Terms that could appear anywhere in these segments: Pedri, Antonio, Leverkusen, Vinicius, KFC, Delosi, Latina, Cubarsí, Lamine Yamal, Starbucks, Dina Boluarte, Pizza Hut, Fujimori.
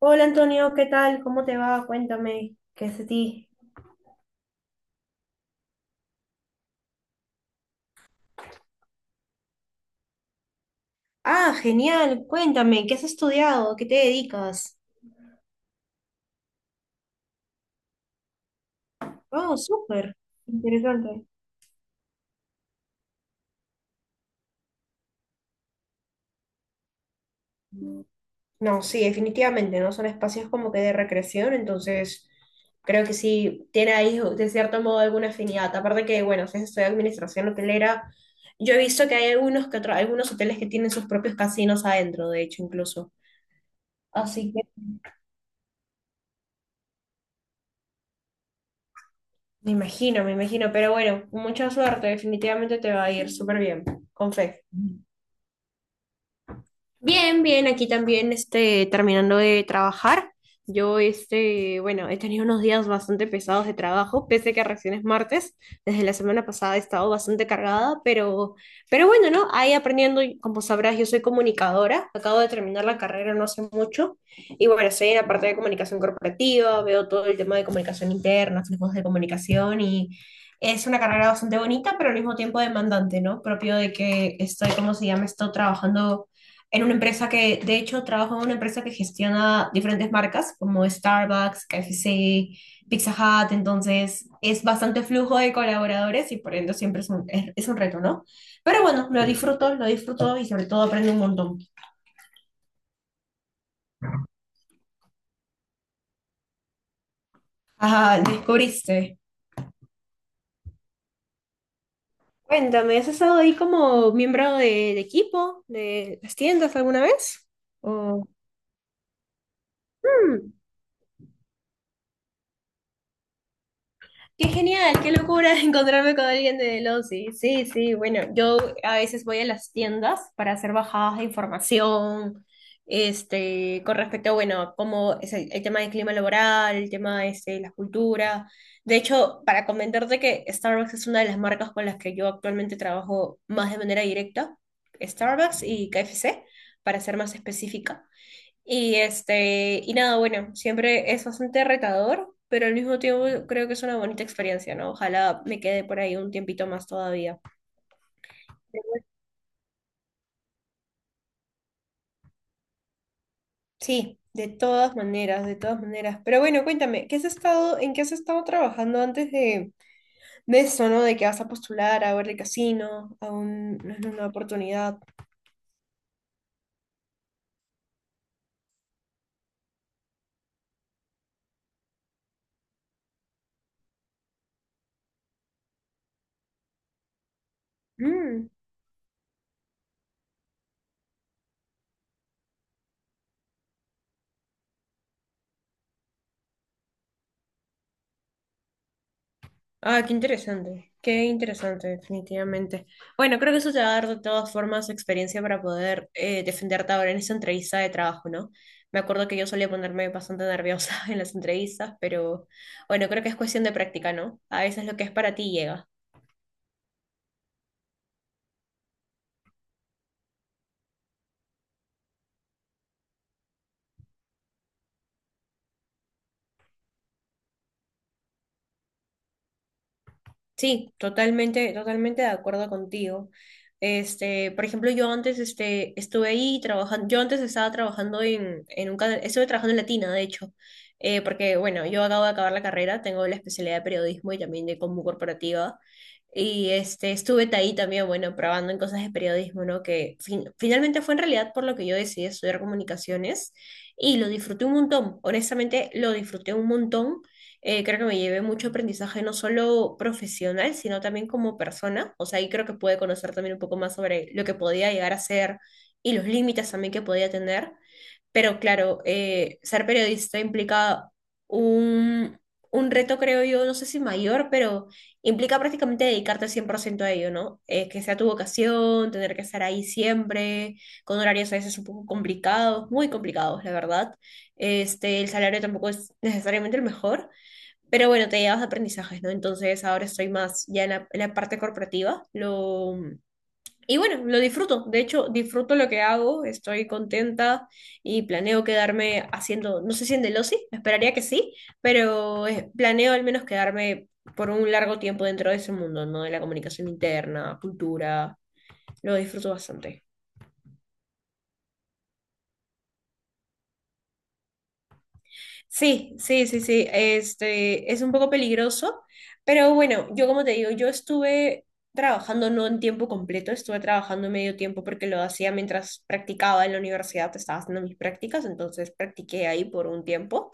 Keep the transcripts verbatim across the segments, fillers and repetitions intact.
Hola Antonio, ¿qué tal? ¿Cómo te va? Cuéntame, ¿qué es de ti? Ah, genial, cuéntame, ¿qué has estudiado? ¿A ¿Qué te dedicas? Oh, súper, interesante. No, sí, definitivamente, ¿no? Son espacios como que de recreación, entonces creo que sí tiene ahí de cierto modo alguna afinidad. Aparte que, bueno, si has estudiado administración hotelera, yo he visto que hay algunos, que otro- algunos hoteles que tienen sus propios casinos adentro, de hecho, incluso. Así que... Me imagino, me imagino, pero bueno, mucha suerte, definitivamente te va a ir súper bien, con fe. Bien, bien, aquí también este, terminando de trabajar. Yo, este, bueno, he tenido unos días bastante pesados de trabajo, pese que recién es martes. Desde la semana pasada he estado bastante cargada, pero, pero bueno, ¿no? Ahí aprendiendo, y como sabrás, yo soy comunicadora, acabo de terminar la carrera no hace mucho, y bueno, estoy en la parte de comunicación corporativa, veo todo el tema de comunicación interna, flujos de comunicación, y es una carrera bastante bonita, pero al mismo tiempo demandante, ¿no? Propio de que estoy, ¿cómo se llama? Estoy trabajando en una empresa que, de hecho, trabajo en una empresa que gestiona diferentes marcas como Starbucks, K F C, Pizza Hut, entonces es bastante flujo de colaboradores y por ende siempre es un, es, es un reto, ¿no? Pero bueno, lo disfruto, lo disfruto y sobre todo aprendo un montón. Ajá, descubriste. Cuéntame, ¿has estado ahí como miembro de, de equipo de las tiendas alguna vez? O... Qué genial, qué locura encontrarme con alguien de losi. Sí, sí, bueno, yo a veces voy a las tiendas para hacer bajadas de información, este, con respecto bueno, cómo es el, el tema del clima laboral, el tema este, de la cultura. De hecho, para comentarte que Starbucks es una de las marcas con las que yo actualmente trabajo más de manera directa, Starbucks y K F C, para ser más específica. Y este, y nada, bueno, siempre es bastante retador, pero al mismo tiempo creo que es una bonita experiencia, ¿no? Ojalá me quede por ahí un tiempito más todavía. Sí, de todas maneras, de todas maneras. Pero bueno, cuéntame, ¿qué has estado, en qué has estado trabajando antes de, de eso, ¿no? De que vas a postular a ver el casino, a un- una oportunidad. Ah, qué interesante, qué interesante, definitivamente. Bueno, creo que eso te va a dar de todas formas experiencia para poder eh, defenderte ahora en esa entrevista de trabajo, ¿no? Me acuerdo que yo solía ponerme bastante nerviosa en las entrevistas, pero bueno, creo que es cuestión de práctica, ¿no? A veces lo que es para ti llega. Sí, totalmente, totalmente de acuerdo contigo. Este, por ejemplo, yo antes este, estuve ahí trabajando, yo antes estaba trabajando en, en un canal, estuve trabajando en Latina, de hecho, eh, porque bueno, yo acabo de acabar la carrera, tengo la especialidad de periodismo y también de combo corporativa, y este, estuve ahí también, bueno, probando en cosas de periodismo, ¿no? Que fin- finalmente fue en realidad por lo que yo decidí estudiar comunicaciones y lo disfruté un montón, honestamente lo disfruté un montón eh, Creo que me llevé mucho aprendizaje, no solo profesional, sino también como persona. O sea, ahí creo que pude conocer también un poco más sobre lo que podía llegar a ser y los límites también que podía tener. Pero claro, eh, ser periodista implica un, un reto, creo yo, no sé si mayor, pero implica prácticamente dedicarte cien por ciento a ello, ¿no? Eh, que sea tu vocación, tener que estar ahí siempre, con horarios a veces un poco complicados, muy complicados, la verdad. Este, el salario tampoco es necesariamente el mejor, pero bueno, te llevas aprendizajes, ¿no? Entonces ahora estoy más ya en la, en la parte corporativa. Lo, y bueno, lo disfruto. De hecho, disfruto lo que hago, estoy contenta y planeo quedarme haciendo, no sé si en Delosi, esperaría que sí, pero eh, planeo al menos quedarme por un largo tiempo dentro de ese mundo, ¿no? De la comunicación interna, cultura, lo disfruto bastante. Sí, sí, sí, sí, este es un poco peligroso, pero bueno, yo como te digo, yo estuve trabajando no en tiempo completo, estuve trabajando medio tiempo porque lo hacía mientras practicaba en la universidad, pues, estaba haciendo mis prácticas, entonces practiqué ahí por un tiempo.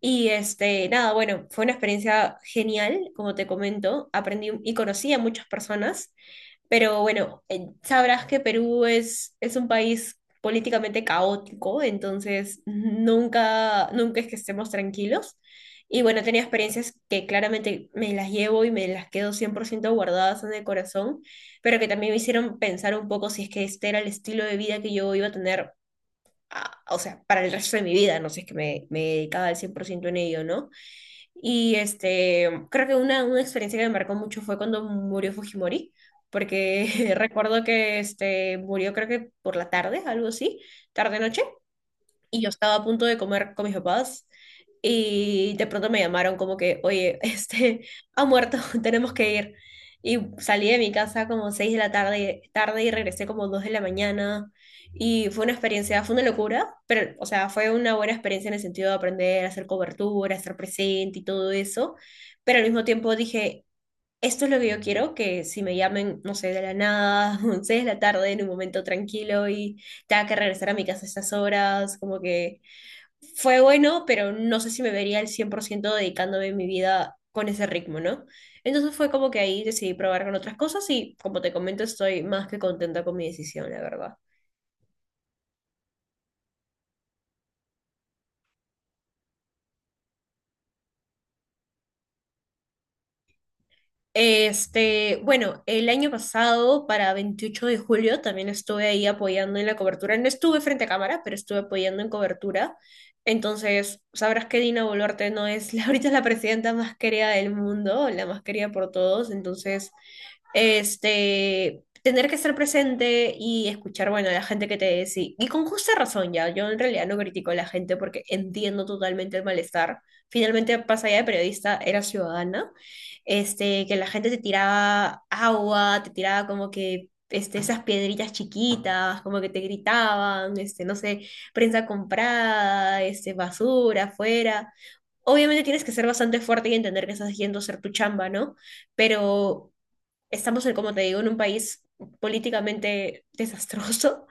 Y este, nada, bueno, fue una experiencia genial, como te comento, aprendí y conocí a muchas personas pero bueno, eh, sabrás que Perú es, es un país políticamente caótico, entonces nunca, nunca es que estemos tranquilos. Y bueno, tenía experiencias que claramente me las llevo y me las quedo cien por ciento guardadas en el corazón, pero que también me hicieron pensar un poco si es que este era el estilo de vida que yo iba a tener, ah, o sea, para el resto de mi vida, no sé, es que me, me dedicaba al cien por ciento en ello, ¿no? Y este, creo que una, una experiencia que me marcó mucho fue cuando murió Fujimori, porque recuerdo que este, murió creo que por la tarde, algo así, tarde-noche y yo estaba a punto de comer con mis papás y de pronto me llamaron como que, oye, este, ha muerto, tenemos que ir. Y salí de mi casa como seis de la tarde, tarde y regresé como dos de la mañana. Y fue una experiencia, fue una locura, pero, o sea, fue una buena experiencia en el sentido de aprender a hacer cobertura, estar presente y todo eso. Pero al mismo tiempo dije, esto es lo que yo quiero, que si me llamen, no sé, de la nada, once de la tarde, en un momento tranquilo y tenga que regresar a mi casa a estas horas, como que fue bueno, pero no sé si me vería al cien por ciento dedicándome mi vida con ese ritmo, ¿no? Entonces fue como que ahí decidí probar con otras cosas y como te comento, estoy más que contenta con mi decisión, la verdad. Este, bueno, el año pasado, para veintiocho de julio, también estuve ahí apoyando en la cobertura. No estuve frente a cámara, pero estuve apoyando en cobertura. Entonces, sabrás que Dina Boluarte no es la, ahorita es la presidenta más querida del mundo, la más querida por todos. Entonces, este, tener que estar presente y escuchar, bueno, a la gente que te decía, y con justa razón ya, yo en realidad no critico a la gente porque entiendo totalmente el malestar. Finalmente, pasa allá de periodista, era ciudadana este, que la gente te tiraba agua, te tiraba como que este, esas piedritas chiquitas, como que te gritaban, este, no sé, prensa comprada, este, basura afuera. Obviamente tienes que ser bastante fuerte y entender que estás yendo a hacer tu chamba, ¿no? Pero estamos, en, como te digo, en un país políticamente desastroso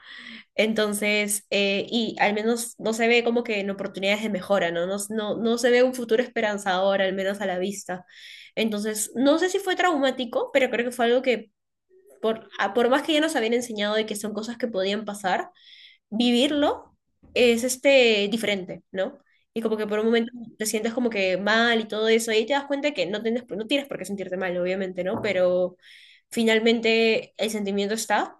entonces, eh, y al menos no se ve como que en oportunidades de mejora, ¿no? No, no, no se ve un futuro esperanzador, al menos a la vista. Entonces, no sé si fue traumático, pero creo que fue algo que, por, a- por más que ya nos habían enseñado de que son cosas que podían pasar, vivirlo es este, diferente, ¿no? Y como que por un momento te sientes como que mal y todo eso, y ahí te das cuenta que no tienes, no tienes por qué sentirte mal, obviamente, ¿no? Pero finalmente el sentimiento está.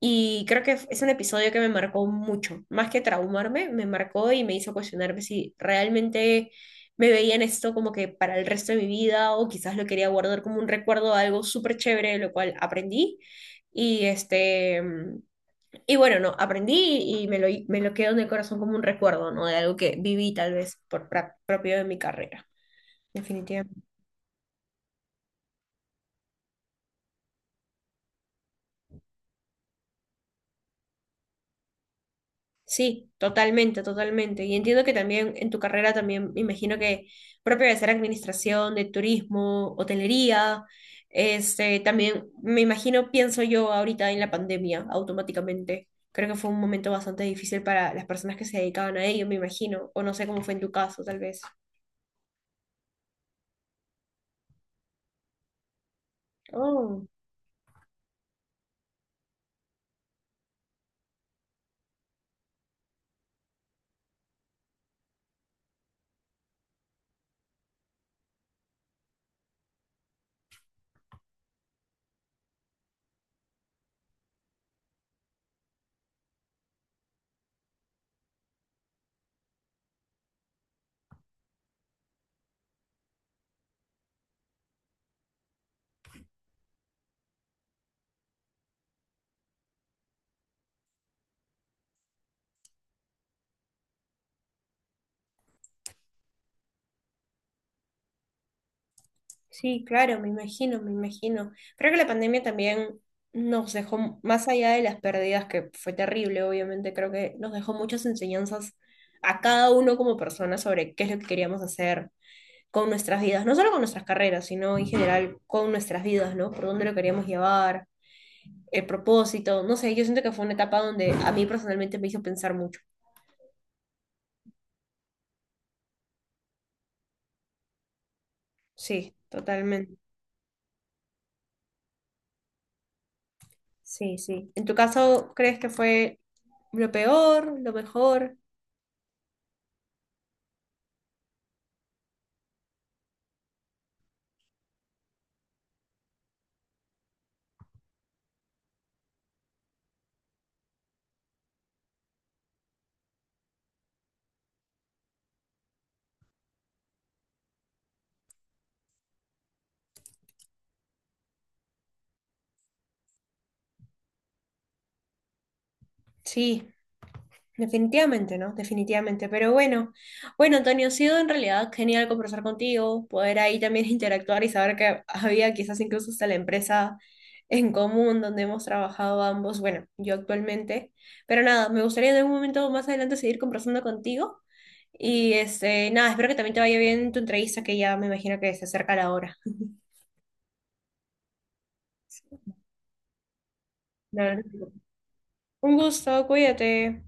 Y creo que es un episodio que me marcó mucho, más que traumarme, me marcó y me hizo cuestionarme si realmente me veía en esto como que para el resto de mi vida o quizás lo quería guardar como un recuerdo, algo súper chévere, lo cual aprendí. Y este, mm, y bueno, no, aprendí y me lo, me lo quedo en el corazón como un recuerdo, ¿no? De algo que viví tal vez por pra- propio de mi carrera. Definitivamente. Sí, totalmente, totalmente. Y entiendo que también en tu carrera también me imagino que propio de ser administración, de turismo, hotelería, este, también me imagino, pienso yo ahorita en la pandemia automáticamente. Creo que fue un momento bastante difícil para las personas que se dedicaban a ello, me imagino. O no sé cómo fue en tu caso, tal vez. Oh. Sí, claro, me imagino, me imagino. Creo que la pandemia también nos dejó, más allá de las pérdidas, que fue terrible, obviamente, creo que nos dejó muchas enseñanzas a cada uno como persona sobre qué es lo que queríamos hacer con nuestras vidas, no solo con nuestras carreras, sino en general con nuestras vidas, ¿no? Por dónde lo queríamos llevar, el propósito, no sé, yo siento que fue una etapa donde a mí personalmente me hizo pensar mucho. Sí, totalmente. Sí, sí. ¿En tu caso crees que fue lo peor, lo mejor? Sí. Definitivamente, ¿no? Definitivamente. Pero bueno, bueno, Antonio, ha sido en realidad genial conversar contigo, poder ahí también interactuar y saber que había quizás incluso hasta la empresa en común donde hemos trabajado ambos, bueno, yo actualmente. Pero nada, me gustaría en algún momento más adelante seguir conversando contigo. Y este, nada, espero que también te vaya bien en tu entrevista, que ya me imagino que se acerca la hora. Nada, un gusto, cuídate.